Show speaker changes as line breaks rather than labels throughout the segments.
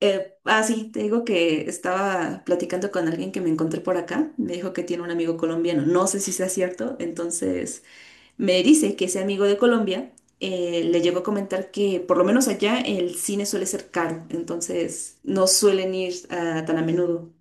Sí, te digo que estaba platicando con alguien que me encontré por acá. Me dijo que tiene un amigo colombiano. No sé si sea cierto. Entonces me dice que ese amigo de Colombia le llegó a comentar que por lo menos allá el cine suele ser caro. Entonces no suelen ir tan a menudo.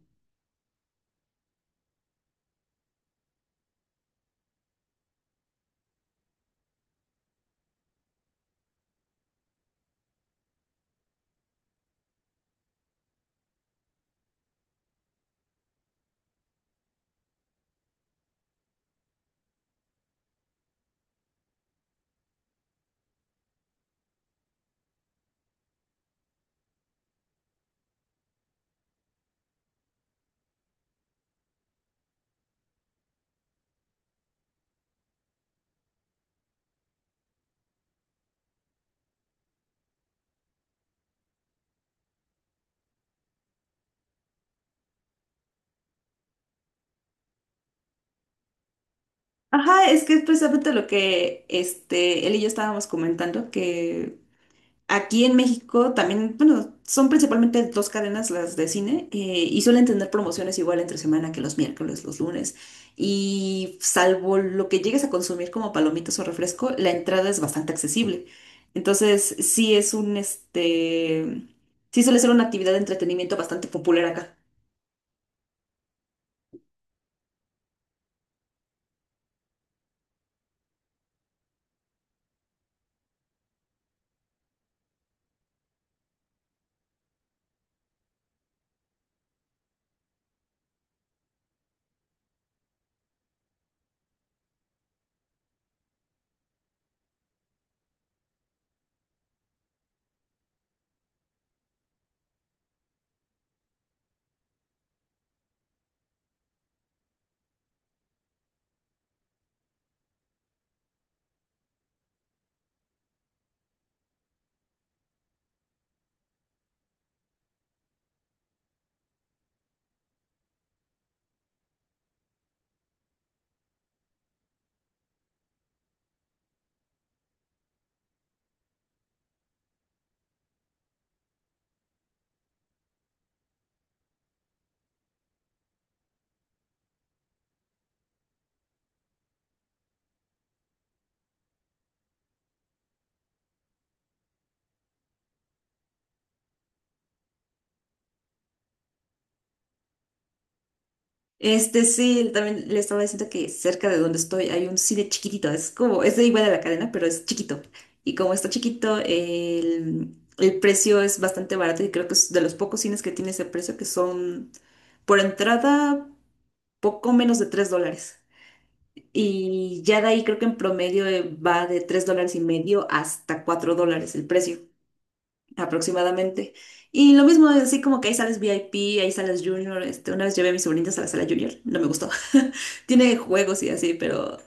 Ajá, es que es precisamente lo que él y yo estábamos comentando, que aquí en México también, bueno, son principalmente dos cadenas las de cine, y suelen tener promociones igual entre semana que los miércoles, los lunes. Y salvo lo que llegues a consumir como palomitas o refresco, la entrada es bastante accesible. Entonces, sí suele ser una actividad de entretenimiento bastante popular acá. Este sí, también le estaba diciendo que cerca de donde estoy hay un cine chiquitito, es como, es de igual a la cadena, pero es chiquito. Y como está chiquito, el precio es bastante barato y creo que es de los pocos cines que tiene ese precio, que son por entrada poco menos de 3 dólares. Y ya de ahí creo que en promedio va de 3 dólares y medio hasta 4 dólares el precio aproximadamente. Y lo mismo, así como que hay salas VIP, hay salas Junior. Una vez llevé a mis sobrinitas a la sala Junior, no me gustó. Tiene juegos y así, pero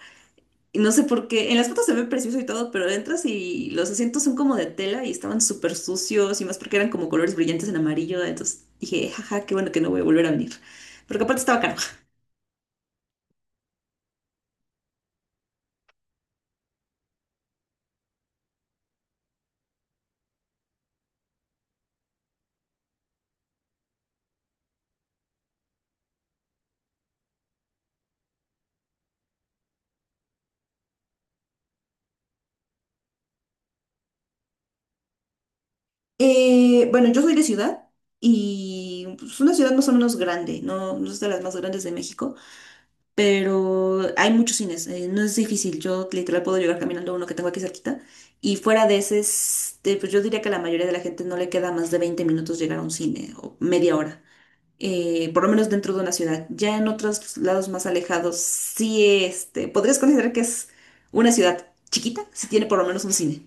no sé por qué. En las fotos se ve precioso y todo, pero entras y los asientos son como de tela y estaban súper sucios y más porque eran como colores brillantes en amarillo. Entonces dije, jaja, qué bueno que no voy a volver a venir. Porque aparte estaba caro. Bueno, yo soy de ciudad y es una ciudad más o menos grande, no, no es de las más grandes de México. Pero hay muchos cines, no es difícil, yo literal puedo llegar caminando a uno que tengo aquí cerquita y fuera de pues yo diría que a la mayoría de la gente no le queda más de 20 minutos llegar a un cine o media hora, por lo menos dentro de una ciudad. Ya en otros lados más alejados, sí, podrías considerar que es una ciudad chiquita si tiene por lo menos un cine.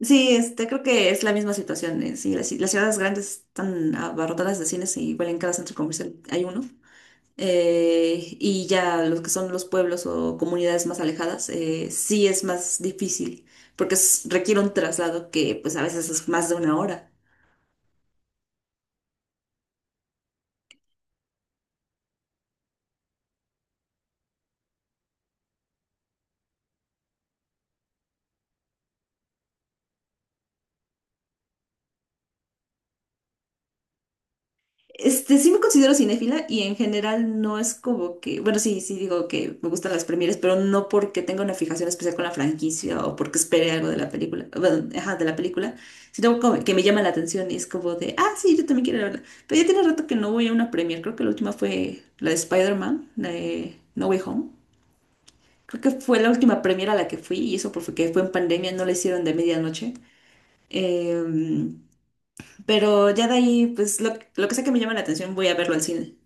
Sí, creo que es la misma situación. Sí, las ciudades grandes están abarrotadas de cines y igual en cada centro comercial hay uno. Y ya los que son los pueblos o comunidades más alejadas, sí es más difícil, porque requiere un traslado que pues a veces es más de una hora. Sí me considero cinéfila y en general no es como que, bueno, sí, sí digo que me gustan las premieres, pero no porque tenga una fijación especial con la franquicia o porque espere algo de la película, bueno, ajá, de la película, sino como que me llama la atención y es como de, ah, sí, yo también quiero verla. Pero ya tiene rato que no voy a una premier, creo que la última fue la de Spider-Man, la de No Way Home. Creo que fue la última premiere a la que fui, y eso porque fue en pandemia, no la hicieron de medianoche. Eh, pero ya de ahí, pues lo que sea que me llama la atención, voy a verlo al cine.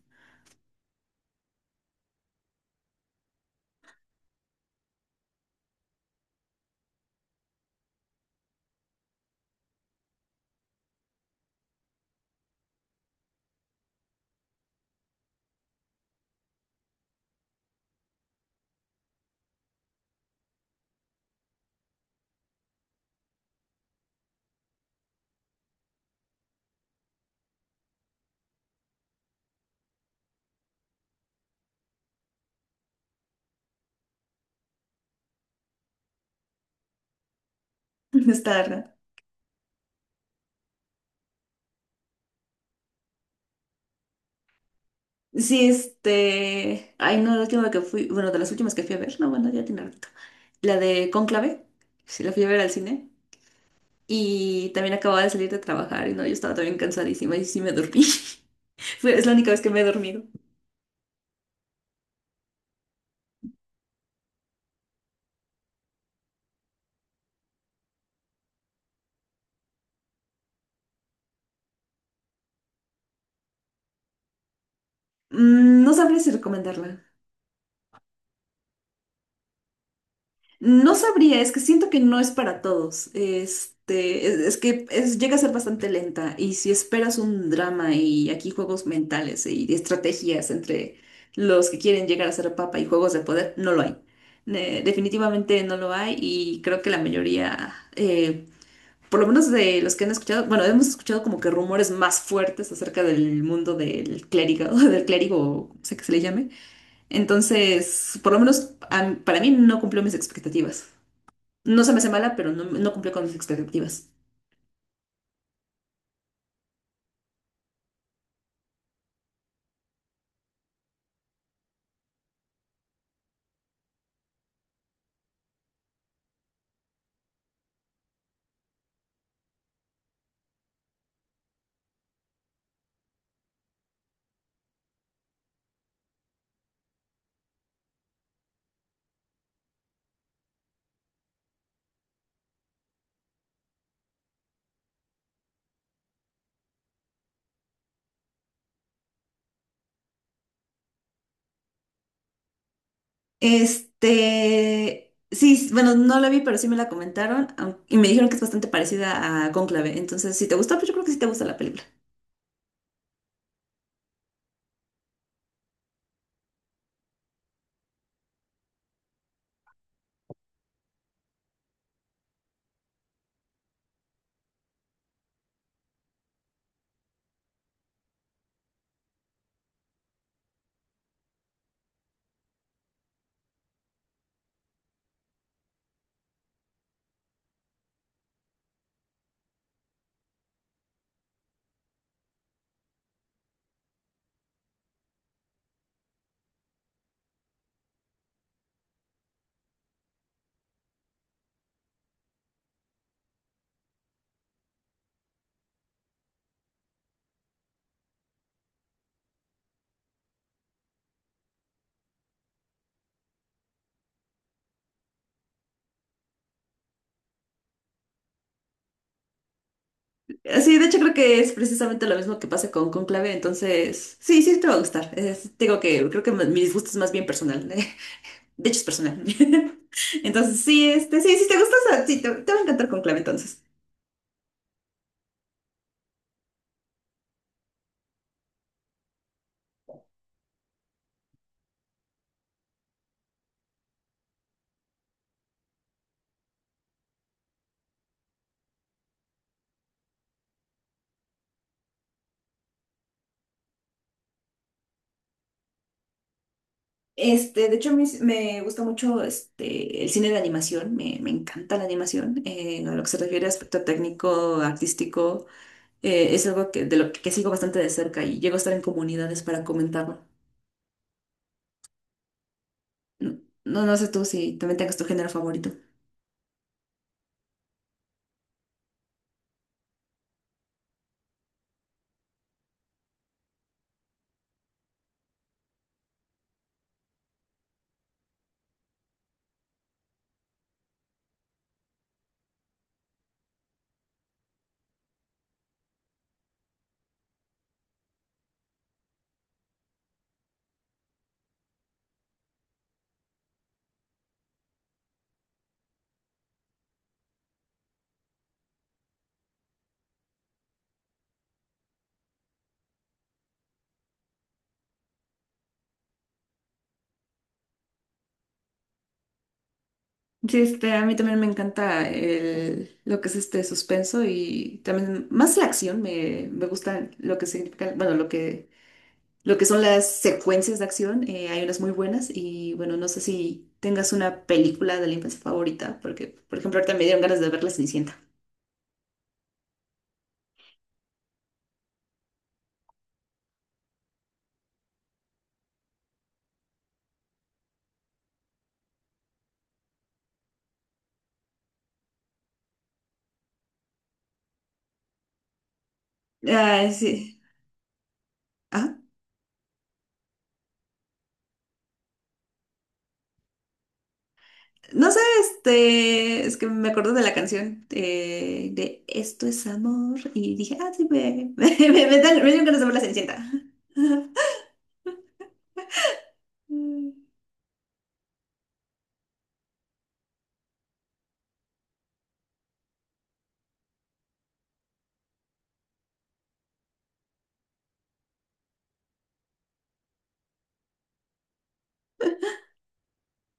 Está raro. Sí, este. Ay, no, la última que fui, bueno, de las últimas que fui a ver, no, bueno, ya tiene rato. La de Cónclave, sí, la fui a ver al cine. Y también acababa de salir de trabajar, y no, yo estaba también cansadísima y sí me dormí. Es la única vez que me he dormido. Mm, no sabría si recomendarla. No sabría, es que siento que no es para todos. Es que llega a ser bastante lenta. Y si esperas un drama y aquí juegos mentales y estrategias entre los que quieren llegar a ser papa y juegos de poder, no lo hay. Definitivamente no lo hay. Y creo que la mayoría, por lo menos de los que han escuchado, bueno, hemos escuchado como que rumores más fuertes acerca del mundo del clérigo, del clérigo, o sea que se le llame. Entonces, por lo menos para mí no cumplió mis expectativas. No se me hace mala, pero no, no cumplió con mis expectativas. Sí, bueno, no la vi, pero sí me la comentaron y me dijeron que es bastante parecida a Cónclave. Entonces, si te gustó, pues yo creo que sí te gusta la película. Sí, de hecho creo que es precisamente lo mismo que pasa con Cónclave, entonces, sí, sí te va a gustar. Digo que creo que mi disgusto es más bien personal. De hecho, es personal. Entonces, sí, sí, si te gusta, o sea, sí, te va a encantar Cónclave, entonces. De hecho, a mí me gusta mucho el cine de animación, me encanta la animación, a lo que se refiere a aspecto técnico, artístico, es algo que, de lo que sigo bastante de cerca y llego a estar en comunidades para comentarlo. No, no sé tú si también tengas tu género favorito. Sí, a mí también me encanta lo que es este suspenso y también más la acción, me gusta lo que significa, bueno, lo que son las secuencias de acción, hay unas muy buenas y bueno, no sé si tengas una película de la infancia favorita, porque por ejemplo ahorita me dieron ganas de ver La Cenicienta. Ay, sí. Ah, no sé, es que me acuerdo de la canción de Esto es amor y dije, ah, sí, me dieron ganas de ver La Cenicienta.